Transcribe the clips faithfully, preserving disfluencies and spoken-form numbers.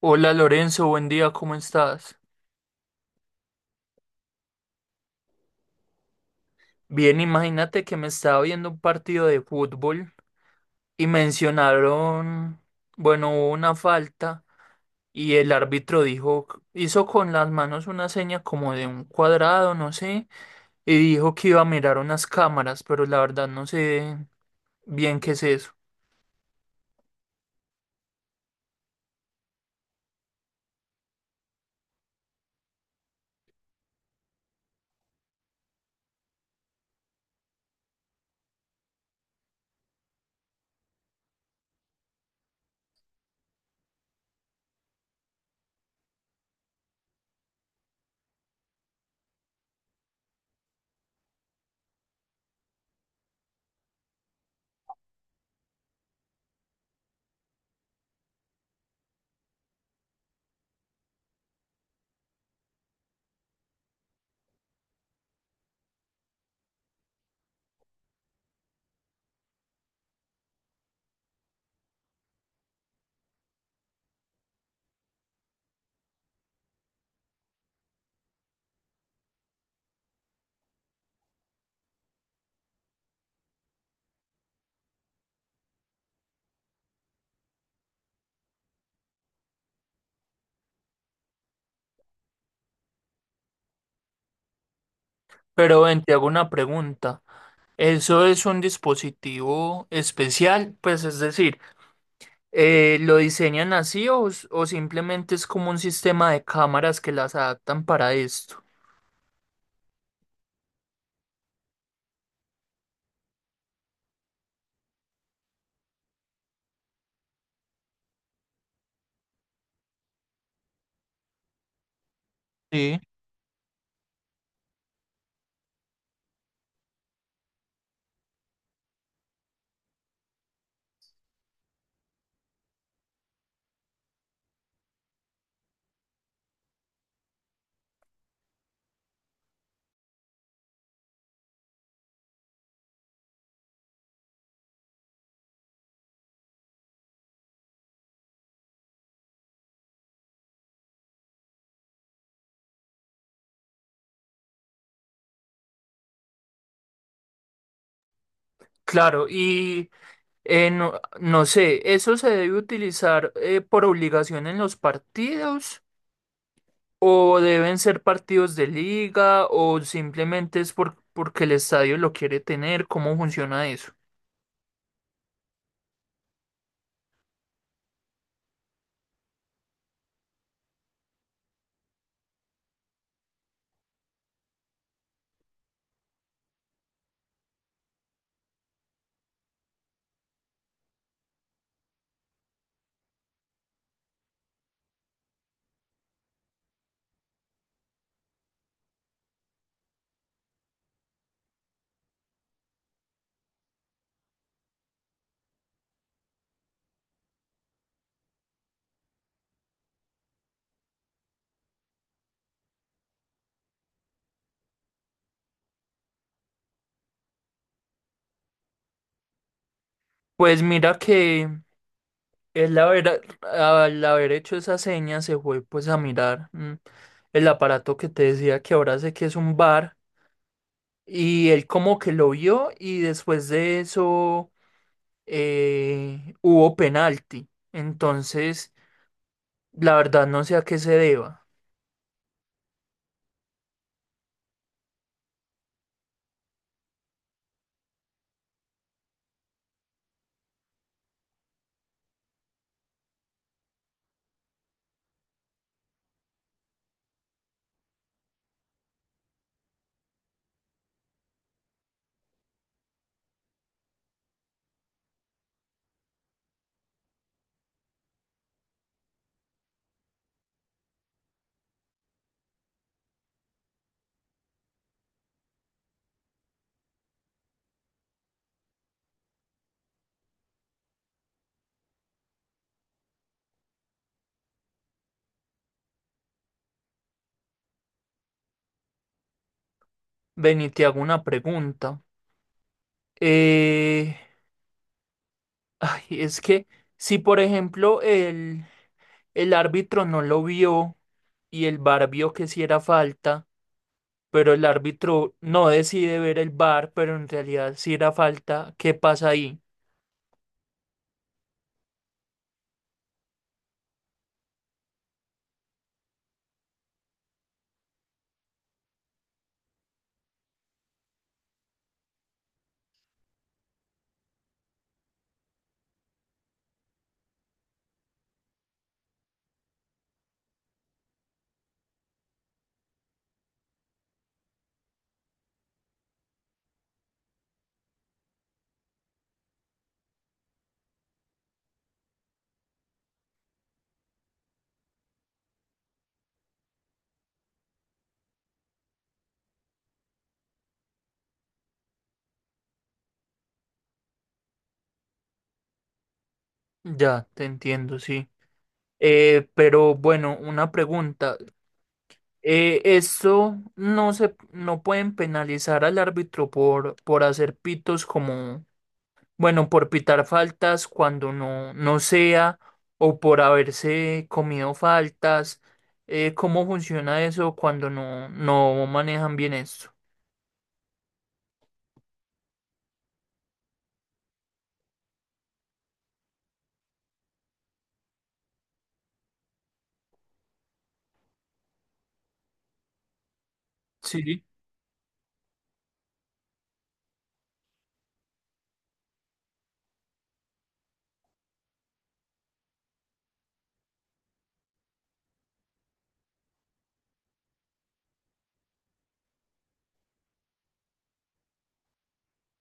Hola Lorenzo, buen día, ¿cómo estás? Bien, imagínate que me estaba viendo un partido de fútbol y mencionaron, bueno, hubo una falta y el árbitro dijo, hizo con las manos una seña como de un cuadrado, no sé, y dijo que iba a mirar unas cámaras, pero la verdad no sé bien qué es eso. Pero ven, te hago una pregunta. ¿Eso es un dispositivo especial? Pues es decir, Eh, ¿lo diseñan así o, s- o simplemente es como un sistema de cámaras que las adaptan para esto? Sí. Claro, y eh, no, no sé, ¿eso se debe utilizar eh, por obligación en los partidos o deben ser partidos de liga o simplemente es por, porque el estadio lo quiere tener? ¿Cómo funciona eso? Pues mira que el haber, al haber hecho esa seña se fue pues a mirar mm, el aparato que te decía que ahora sé que es un bar. Y él como que lo vio y después de eso eh, hubo penalti. Entonces, la verdad no sé a qué se deba. Ven y te hago una pregunta. Eh, ay, es que si por ejemplo el, el árbitro no lo vio y el V A R vio que sí era falta, pero el árbitro no decide ver el V A R, pero en realidad sí era falta, ¿qué pasa ahí? Ya, te entiendo, sí. Eh, pero bueno, una pregunta. Eh, esto no se, no pueden penalizar al árbitro por, por hacer pitos como, bueno, por pitar faltas cuando no, no sea o por haberse comido faltas. Eh, ¿cómo funciona eso cuando no, no manejan bien esto? Sí.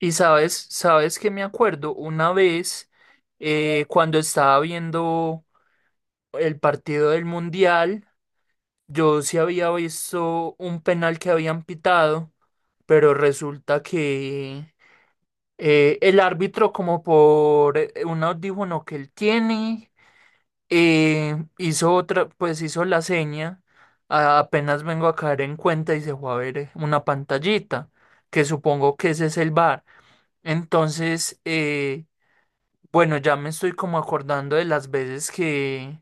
Y sabes, sabes que me acuerdo una vez eh, cuando estaba viendo el partido del Mundial, yo sí había visto un penal que habían pitado, pero resulta que eh, el árbitro, como por eh, un audífono que él tiene, eh, hizo otra, pues hizo la seña. a- apenas vengo a caer en cuenta y se fue a ver eh, una pantallita, que supongo que ese es el bar. Entonces, eh, bueno, ya me estoy como acordando de las veces que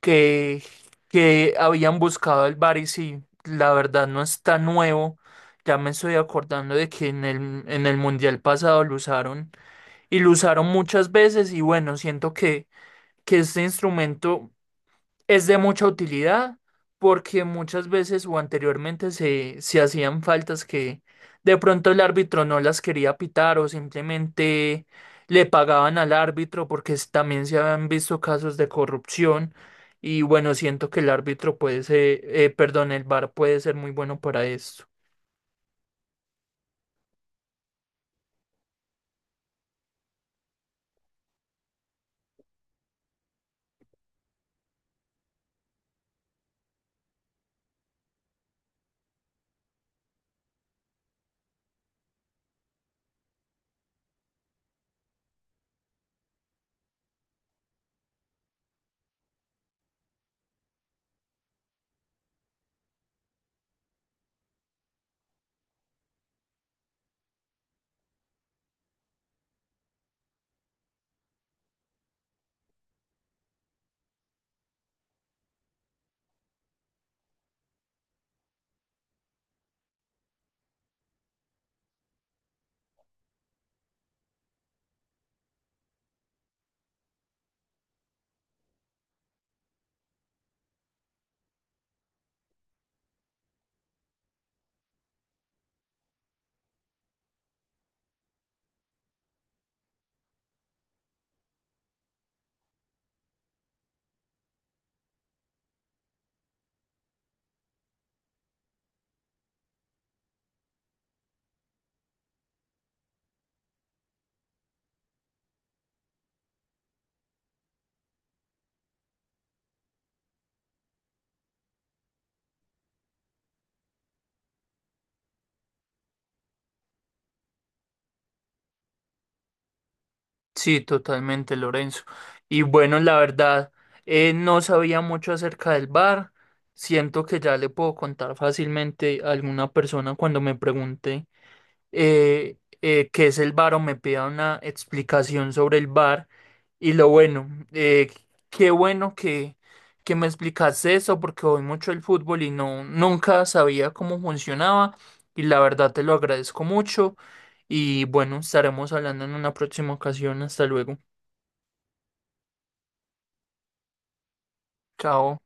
que, que habían buscado el bar y sí, la verdad no está nuevo. Ya me estoy acordando de que en el, en el mundial pasado lo usaron y lo usaron muchas veces y bueno, siento que, que este instrumento es de mucha utilidad porque muchas veces o anteriormente se, se hacían faltas que de pronto el árbitro no las quería pitar o simplemente le pagaban al árbitro porque es- también se habían visto casos de corrupción y bueno, siento que el árbitro puede ser, eh, perdón, el V A R puede ser muy bueno para esto. Sí, totalmente, Lorenzo. Y bueno, la verdad, eh, no sabía mucho acerca del bar. Siento que ya le puedo contar fácilmente a alguna persona cuando me pregunte eh, eh, qué es el bar o me pida una explicación sobre el bar. Y lo bueno, eh, qué bueno que, que me explicaste eso porque voy mucho el fútbol y no, nunca sabía cómo funcionaba. Y la verdad te lo agradezco mucho. Y bueno, estaremos hablando en una próxima ocasión. Hasta luego. Chao.